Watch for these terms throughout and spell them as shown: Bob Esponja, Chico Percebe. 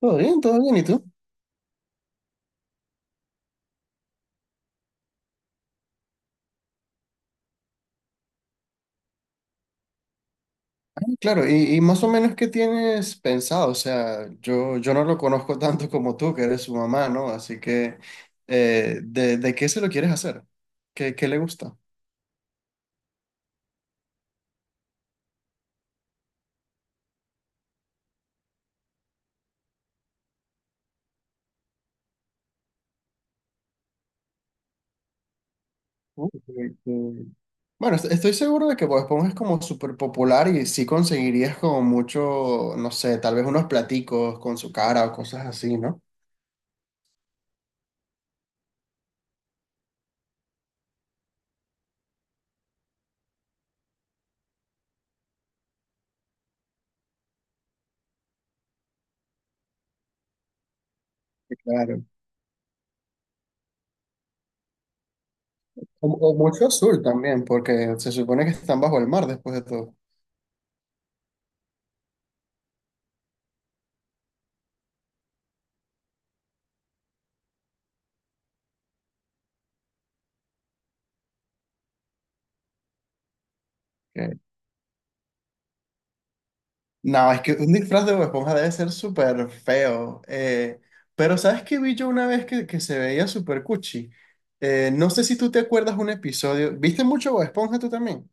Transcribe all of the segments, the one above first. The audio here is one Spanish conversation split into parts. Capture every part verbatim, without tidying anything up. Todo bien, todo bien, ¿y tú? Claro, y, y más o menos qué tienes pensado, o sea, yo, yo no lo conozco tanto como tú, que eres su mamá, ¿no? Así que, eh, ¿de, de qué se lo quieres hacer? ¿Qué, qué le gusta? Uh, que- que- Bueno, est- estoy seguro de que Bob Esponja es como súper popular y sí conseguirías como mucho, no sé, tal vez unos platicos con su cara o cosas así, ¿no? Claro. O, o mucho azul también, porque se supone que están bajo el mar después de todo. Que- No, es que un disfraz de Bob Esponja debe ser súper feo. eh, pero ¿sabes qué vi yo una vez que, que se veía súper cuchi? Eh, no sé si tú te acuerdas un episodio. ¿Viste mucho Bob Esponja tú también?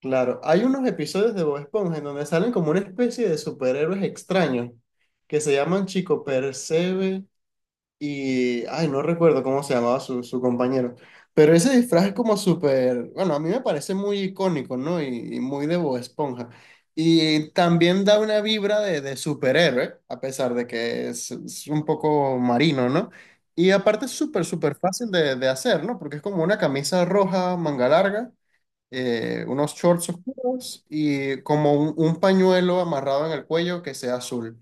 Claro, hay unos episodios de Bob Esponja en donde salen como una especie de superhéroes extraños que se llaman Chico Percebe. Y, ay, no recuerdo cómo se llamaba su, su compañero. Pero ese disfraz es como súper, bueno, a mí me parece muy icónico, ¿no? Y, y muy de Bob Esponja. Y también da una vibra de, de superhéroe, a pesar de que es, es un poco marino, ¿no? Y aparte es súper, súper fácil de, de hacer, ¿no? Porque es como una camisa roja, manga larga, eh, unos shorts oscuros y como un, un pañuelo amarrado en el cuello que sea azul.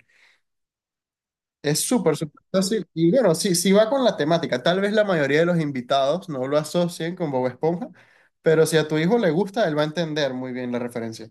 Es súper, súper fácil. Y bueno, sí, sí va con la temática. Tal vez la mayoría de los invitados no lo asocien con Bob Esponja, pero si a tu hijo le gusta, él va a entender muy bien la referencia.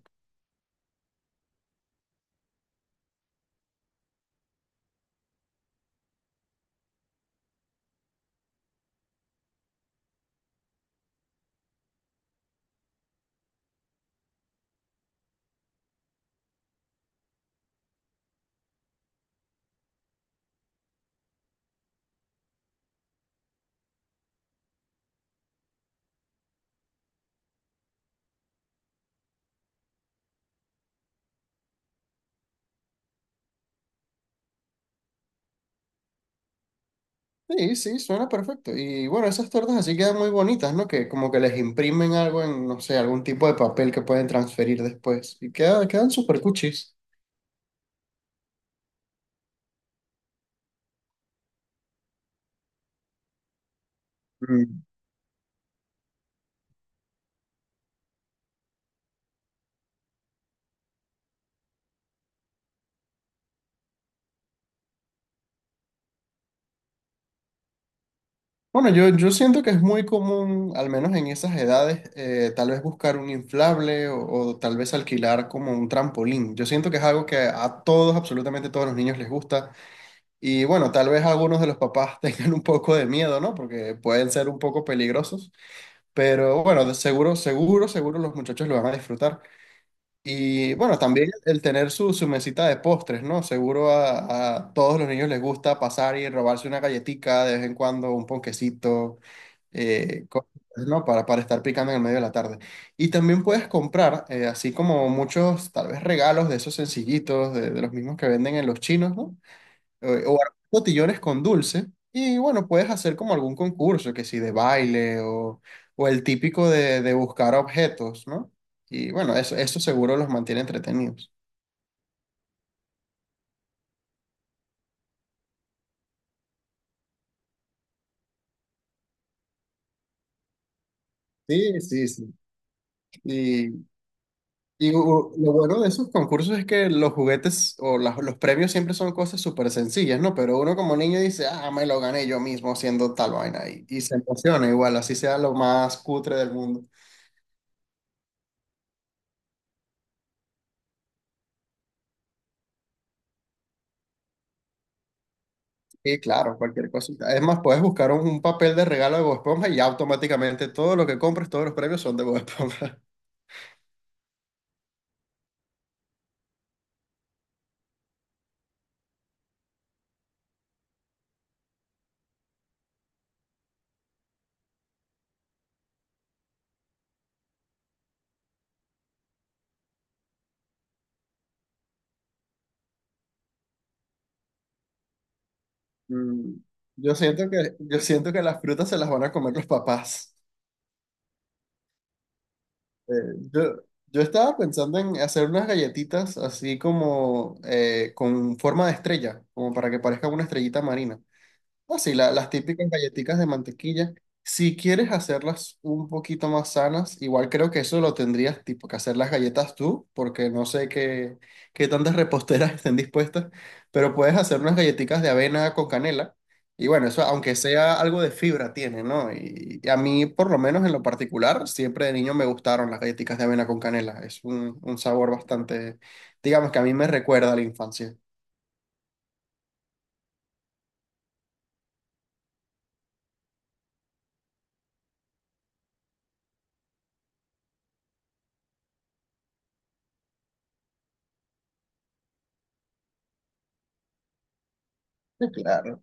Sí, sí, suena perfecto. Y bueno, esas tortas así quedan muy bonitas, ¿no? Que como que les imprimen algo en, no sé, algún tipo de papel que pueden transferir después. Y queda- quedan súper cuchis. Bueno, yo, yo siento que es muy común, al menos en esas edades, eh, tal vez buscar un inflable o, o tal vez alquilar como un trampolín. Yo siento que es algo que a todos, absolutamente todos los niños les gusta. Y bueno, tal vez algunos de los papás tengan un poco de miedo, ¿no? Porque pueden ser un poco peligrosos. Pero bueno, de seguro, seguro, seguro los muchachos lo van a disfrutar. Y bueno, también el tener su, su mesita de postres, ¿no? Seguro a, a todos los niños les gusta pasar y robarse una galletica de vez en cuando, un ponquecito eh, co- ¿no? Para, para estar picando en el medio de la tarde. Y también puedes comprar, eh, así como muchos, tal vez regalos de esos sencillitos, de, de los mismos que venden en los chinos, ¿no? Eh, o armar botillones con dulce. Y bueno, puedes hacer como algún concurso, que si de baile o, o el típico de, de buscar objetos, ¿no? Y bueno, eso, eso seguro los mantiene entretenidos. Sí, sí, sí. Y u- lo bueno de esos concursos es que los juguetes o las- los premios siempre son cosas súper sencillas, ¿no? Pero uno como niño dice, ah, me lo gané yo mismo haciendo tal vaina y, y se emociona igual, así sea lo más cutre del mundo. Y claro, cualquier cosita. Es más, puedes buscar un, un papel de regalo de Bob Esponja y automáticamente todo lo que compres, todos los premios son de Bob Esponja. Mm. Yo siento que, yo siento que las frutas se las van a comer los papás. Eh, yo, yo estaba pensando en hacer unas galletitas así como eh, con forma de estrella, como para que parezca una estrellita marina así la- las típicas galletitas de mantequilla. Si quieres hacerlas un poquito más sanas, igual creo que eso lo tendrías tipo que hacer las galletas tú, porque no sé qué, qué tantas reposteras estén dispuestas, pero puedes hacer unas galletitas de avena con canela. Y bueno, eso aunque sea algo de fibra tiene, ¿no? Y, y a mí, por lo menos en lo particular, siempre de niño me gustaron las galletitas de avena con canela. Es un, un sabor bastante, digamos que a mí me recuerda a la infancia. Claro.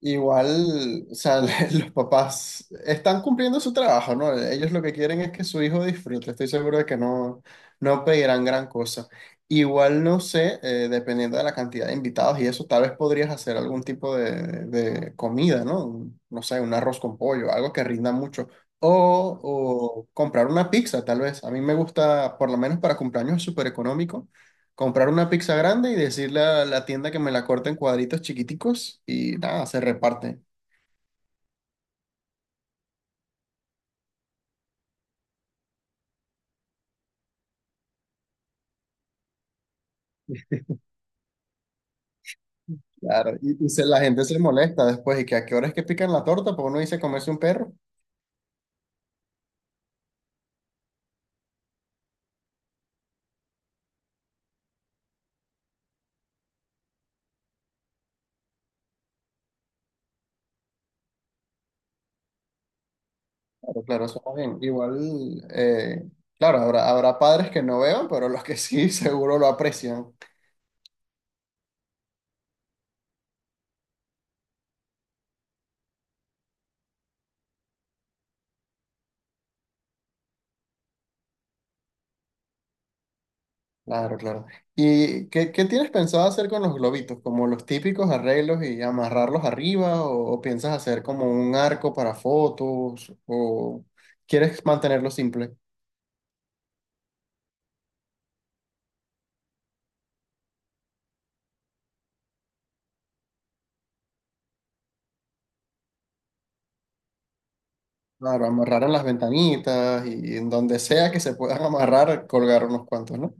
Igual, o sea, los papás están cumpliendo su trabajo, ¿no? Ellos lo que quieren es que su hijo disfrute. Estoy seguro de que no, no pedirán gran cosa. Igual, no sé, eh, dependiendo de la cantidad de invitados y eso, tal vez podrías hacer algún tipo de, de comida, ¿no? No sé, un arroz con pollo, algo que rinda mucho. O, o comprar una pizza, tal vez. A mí me gusta, por lo menos para cumpleaños, súper económico comprar una pizza grande y decirle a la tienda que me la corte en cuadritos chiquiticos y nada, se reparte. Claro, y, y se- la gente se molesta después y que a qué hora es que pican la torta, porque uno dice comerse un perro. Claro, claro, eso está bien. Igual, eh, claro, habrá, habrá padres que no vean, pero los que sí seguro lo aprecian. Claro, claro. ¿Y qué, qué tienes pensado hacer con los globitos? ¿Como los típicos arreglos y amarrarlos arriba? ¿O, o piensas hacer como un arco para fotos? ¿O quieres mantenerlo simple? Claro, amarrar en las ventanitas y en donde sea que se puedan amarrar, colgar unos cuantos, ¿no?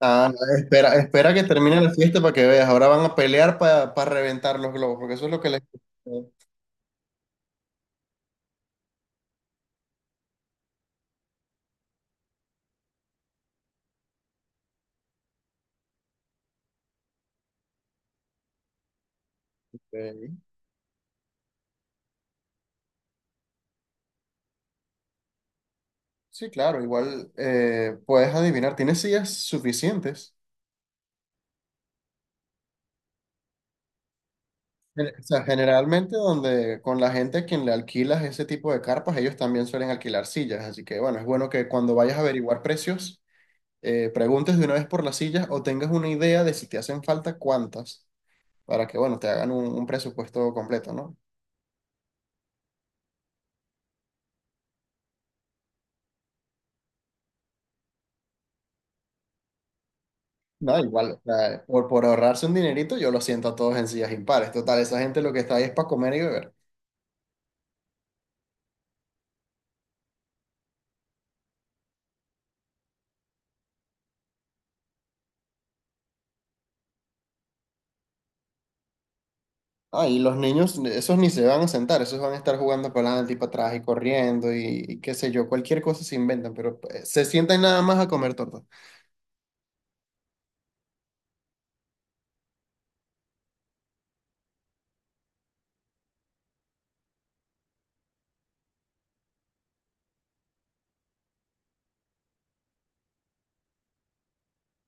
Ah, no, espera, espera que termine la fiesta para que veas. Ahora van a pelear para reventar los globos, porque eso es lo que les... Ok. Sí, claro, igual eh, puedes adivinar, tienes sillas suficientes. Gen- O sea, generalmente donde con la gente a quien le alquilas ese tipo de carpas, ellos también suelen alquilar sillas, así que bueno, es bueno que cuando vayas a averiguar precios, eh, preguntes de una vez por las sillas o tengas una idea de si te hacen falta cuántas. Para que, bueno, te hagan un, un presupuesto completo, ¿no? No, igual, o sea, por, por ahorrarse un dinerito, yo lo siento a todos en sillas impares. Total, esa gente lo que está ahí es para comer y beber. Ah, y los niños, esos ni se van a sentar, esos van a estar jugando para adelante y para atrás y corriendo y, y qué sé yo, cualquier cosa se inventan, pero eh, se sientan nada más a comer torta.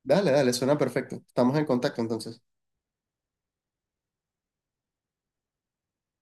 Dale, dale, suena perfecto. Estamos en contacto entonces.